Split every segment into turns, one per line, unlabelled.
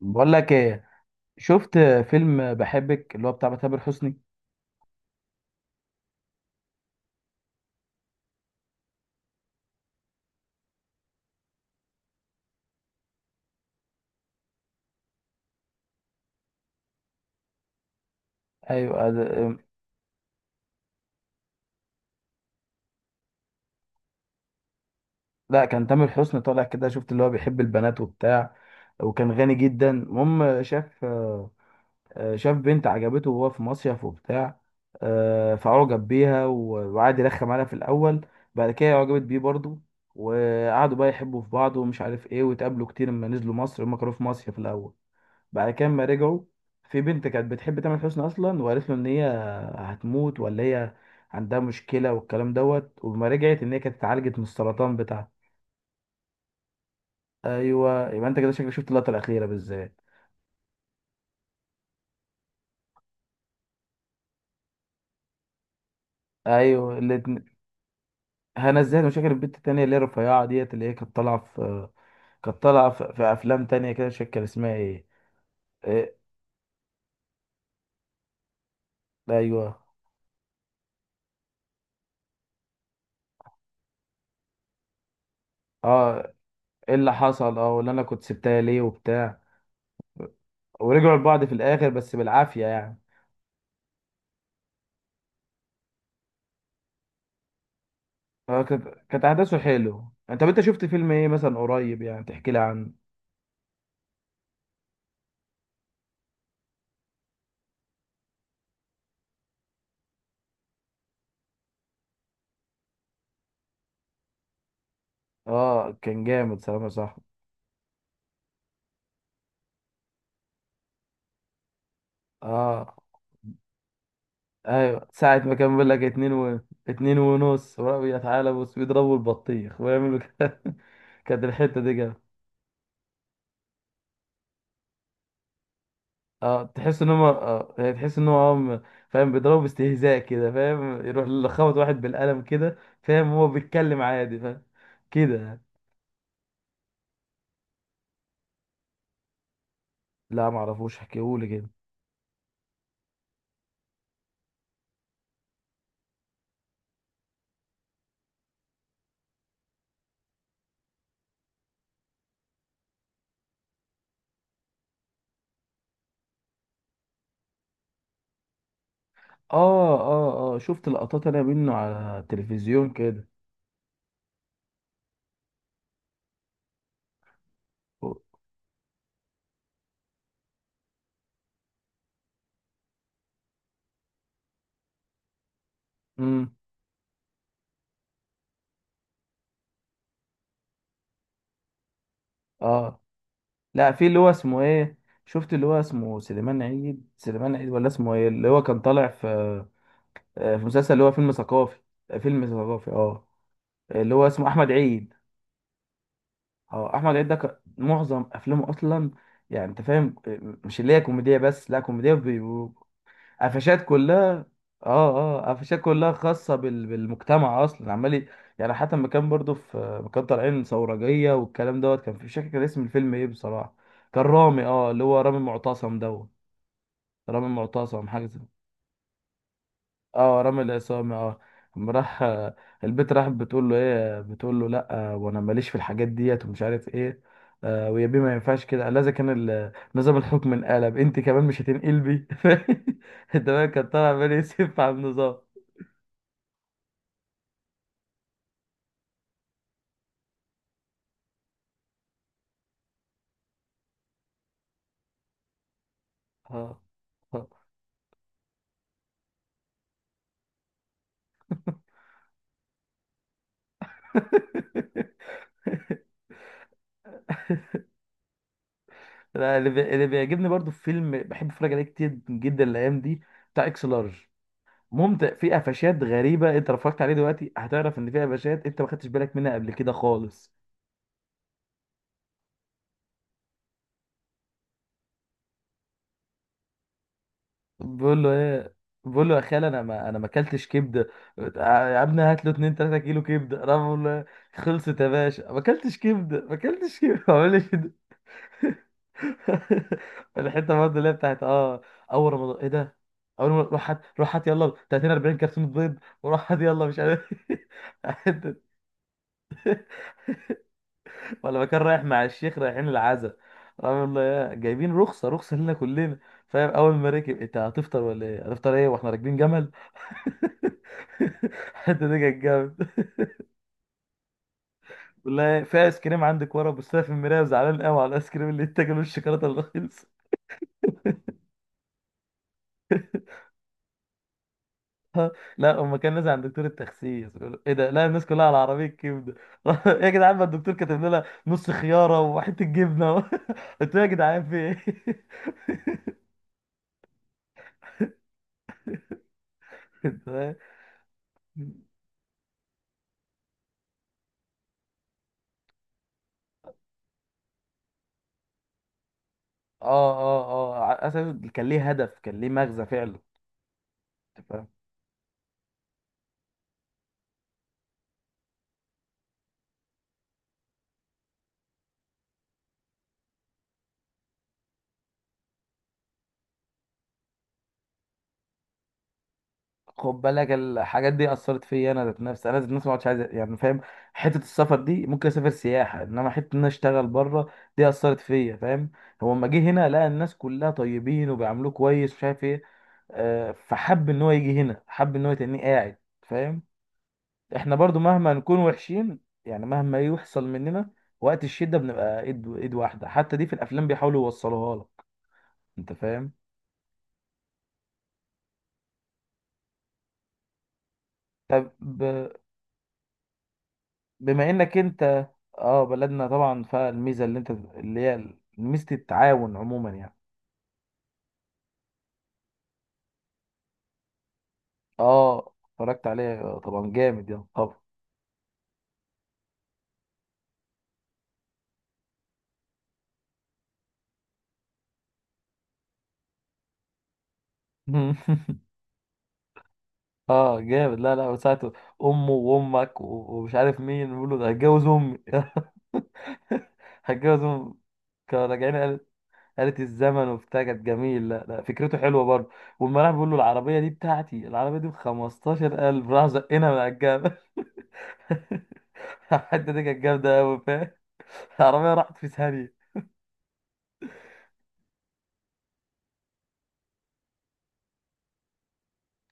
بقول لك ايه. شفت فيلم بحبك اللي هو بتاع تامر حسني. ايوه ده- لا، كان تامر حسني طالع كده، شفت اللي هو بيحب البنات وبتاع، وكان غني جدا. المهم شاف، شاف بنت عجبته وهو في مصيف وبتاع. فعجب بيها وقعد يرخم عليها في الاول. بعد كده عجبت بيه برضه، وقعدوا بقى يحبوا في بعض ومش عارف ايه، واتقابلوا كتير لما نزلوا مصر. هما كانوا في مصيف الاول، بعد كده لما رجعوا في بنت كانت بتحب تامر حسني اصلا، وقالت له ان هي هتموت، ولا هي عندها مشكله والكلام دوت، وما رجعت ان هي كانت اتعالجت من السرطان بتاعها. ايوه، يبقى انت كده شكلك شفت اللقطه الاخيره بالذات. ايوه الاتنين. هنا ازاي؟ مش فاكر البنت التانيه اللي هي رفيعه ديت اللي هي كانت طالعه في، كانت طالعه في افلام تانيه كده. مش فاكر اسمها ايه. إيه، ايوه اه. ايه اللي حصل اه، ولا انا كنت سبتها ليه وبتاع. ورجعوا لبعض في الاخر بس بالعافيه يعني. اه، كانت احداثه حلو. انت طب انت شفت فيلم ايه مثلا قريب يعني تحكي لي عنه؟ اه، كان جامد سلام يا صاحبي. اه. ايوه، ساعة ما كان بيقول لك اتنين و... اتنين ونص، وراهم يتعالى بص بيضربوا البطيخ ويعملوا كده. كانت الحتة دي جامدة. اه، تحس ان هم اه، يعني تحس ان هم فاهم بيضربوا باستهزاء كده، فاهم، يروح خبط واحد بالقلم كده، فاهم، هو بيتكلم عادي فاهم كده يعني. لا معرفوش، احكيهولي كده. اه اه اه، شفت لقطات انا منه على التلفزيون كده. امم اه، لا في اللي هو اسمه ايه. شفت اللي هو اسمه سليمان عيد، سليمان عيد ولا اسمه ايه؟ اللي هو كان طالع في، في مسلسل اللي هو فيلم ثقافي. فيلم ثقافي اه، اللي هو اسمه احمد عيد. اه، احمد عيد ده كان معظم افلامه اصلا، يعني انت فاهم مش اللي هي كوميديا بس، لا كوميديا قفشات كلها. اه. اه، قفشات كلها خاصة بالمجتمع اصلا عمال يعني. حتى لما كان برضو في لما كان طالعين ثورجية والكلام دوت، كان في مش فاكر كان اسم الفيلم ايه بصراحة. كان رامي اه، اللي هو رامي معتصم دوت، رامي معتصم حاجة زي، اه رامي العصامي اه. لما راح البت راح بتقول له ايه، بتقول له لا وانا ماليش في الحاجات ديت ومش عارف ايه. آه، ويا بيه ما ينفعش كده، لازم كان نظام الحكم انقلب، انت كمان مش هتنقلبي؟ انت بقى كان طالع عمال يسف على النظام. اه اه. لا، اللي بيعجبني برضو في فيلم بحب اتفرج عليه كتير جدا الايام دي بتاع اكس لارج. ممتع، فيه قفشات غريبه. انت لو اتفرجت عليه دلوقتي هتعرف ان فيه قفشات انت ما خدتش بالك منها قبل كده خالص. بقول له ايه. بقول له يا خال، انا ما اكلتش كبده. آه يا ابني هات له 2 3 كيلو كبده. انا بقول له إيه؟ خلصت يا باشا، ما اكلتش كبده، ما اكلتش كبده ما عملش الحته برضه اللي هي بتاعت اه اول رمضان، ايه ده؟ اول ما روح، هات روح هات يلا 30 40 كرتونه بيض، وروح هات يلا مش عارف حتة- ولا ما كان رايح مع الشيخ رايحين العزا، رحمه الله يا جايبين، رخصه رخصه لنا كلنا فاهم. اول ما ركب: انت هتفطر ولا ايه؟ هتفطر ايه واحنا راكبين جمل؟ الحته دي كانت جامد. والله، في ايس كريم عندك ورا، بص لها في المرايه وزعلان قوي على الايس كريم اللي انت جايبه الشوكولاته الرخيص. لا اما كان نازل عند دكتور التخسيس بيقول له، ايه ده؟ لا الناس كلها على عربيه كبده! يا جدعان، ما الدكتور كاتب لنا نص خياره وحته جبنه قلت له يا جدعان في ايه؟ أنت فاهم؟ اه اه اه، على اساس كان ليه هدف، كان ليه مغزى فعلا. أنت فاهم؟ خد بالك الحاجات دي اثرت فيا. انا ذات نفسي ما عادش عايز، يعني فاهم، حته السفر دي ممكن اسافر سياحه، انما حته ان انا اشتغل بره دي اثرت فيا، فاهم. هو لما جه هنا لقى الناس كلها طيبين وبيعاملوه كويس ومش عارف ايه، فحب ان هو يجي هنا، حب ان هو يتنيه قاعد، فاهم. احنا برضو مهما نكون وحشين يعني مهما يحصل مننا، وقت الشدة بنبقى ايد ايد واحدة. حتى دي في الافلام بيحاولوا يوصلوها لك، انت فاهم. طب بما انك انت، اه بلدنا طبعا، فالميزة اللي انت اللي هي ميزة التعاون عموما يعني. اه اتفرجت عليه طبعا جامد يعني طبعا. اه جامد، لا لا، وساعته امه وامك ومش عارف مين بيقول له ده هتجوز امي. هتجوز امي! كانوا راجعين قالت، قالت الزمن وبتاع كانت جميل. لا لا، فكرته حلوه برضه. والما راح بيقول له العربيه دي بتاعتي، العربيه دي ب 15000، راح زقنا من على الجبل. الحته دي كانت جامده قوي فاهم. العربيه راحت في ثانيه.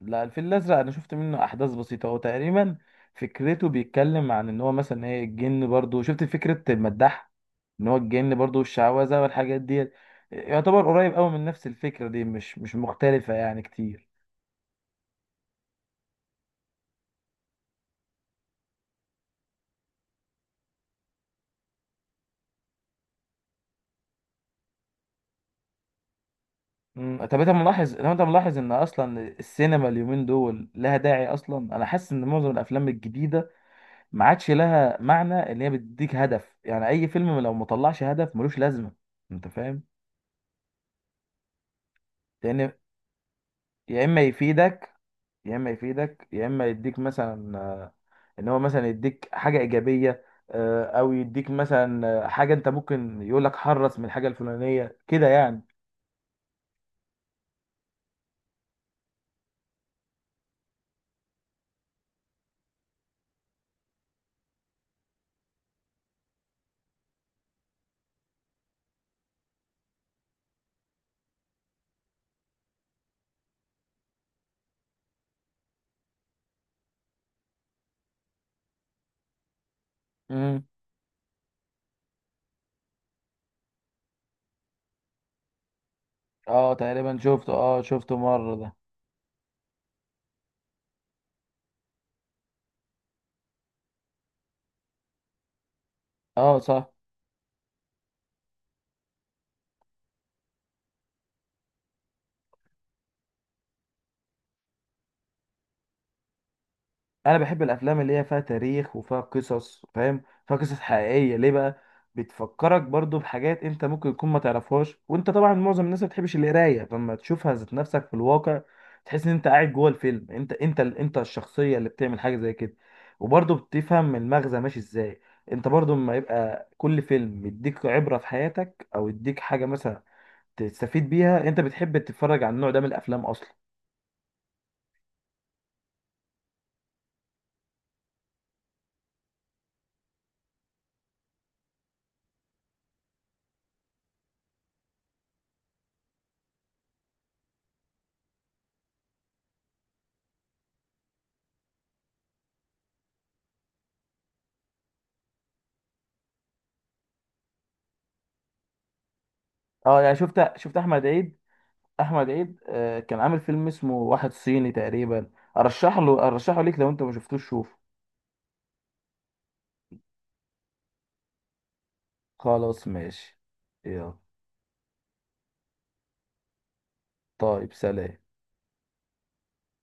لا، الفيل الأزرق أنا شفت منه أحداث بسيطة. هو تقريبا فكرته بيتكلم عن إن هو مثلا إيه الجن، برضو شفت فكرة المداح إن هو الجن برضو، والشعوذة والحاجات ديت. يعتبر قريب أوي من نفس الفكرة دي، مش مختلفة يعني كتير. طب أنت ملاحظ، لو أنت ملاحظ إن أصلا السينما اليومين دول لها داعي أصلا؟ أنا حاسس إن معظم الأفلام الجديدة ما عادش لها معنى. إن هي بتديك هدف، يعني أي فيلم لو مطلعش هدف ملوش لازمة. أنت فاهم؟ لأن، يا إما يفيدك، يا اما يديك مثلا ان هو مثلا يديك حاجه ايجابيه. او يديك مثلا حاجه انت ممكن يقول لك حرص من الحاجه الفلانيه كده يعني. امم اه تقريبا شفته، اه شفته مره ده. اه صح. انا بحب الافلام اللي هي فيها تاريخ وفيها قصص، فاهم، فيها قصص حقيقيه. ليه بقى؟ بتفكرك برضو بحاجات انت ممكن تكون ما تعرفهاش، وانت طبعا معظم الناس ما بتحبش القرايه، فلما تشوفها ذات نفسك في الواقع تحس ان انت قاعد جوه الفيلم. انت انت انت الشخصيه اللي بتعمل حاجه زي كده. وبرضو بتفهم المغزى ماشي ازاي. انت برضو لما يبقى كل فيلم يديك عبره في حياتك او يديك حاجه مثلا تستفيد بيها، انت بتحب تتفرج على النوع ده من الافلام اصلا. اه، يعني شفت احمد عيد. احمد عيد كان عامل فيلم اسمه واحد صيني تقريبا. ارشح له، ارشحه ليك لو انت ما شفتوش شوفه. خلاص ماشي. يلا. طيب سلام.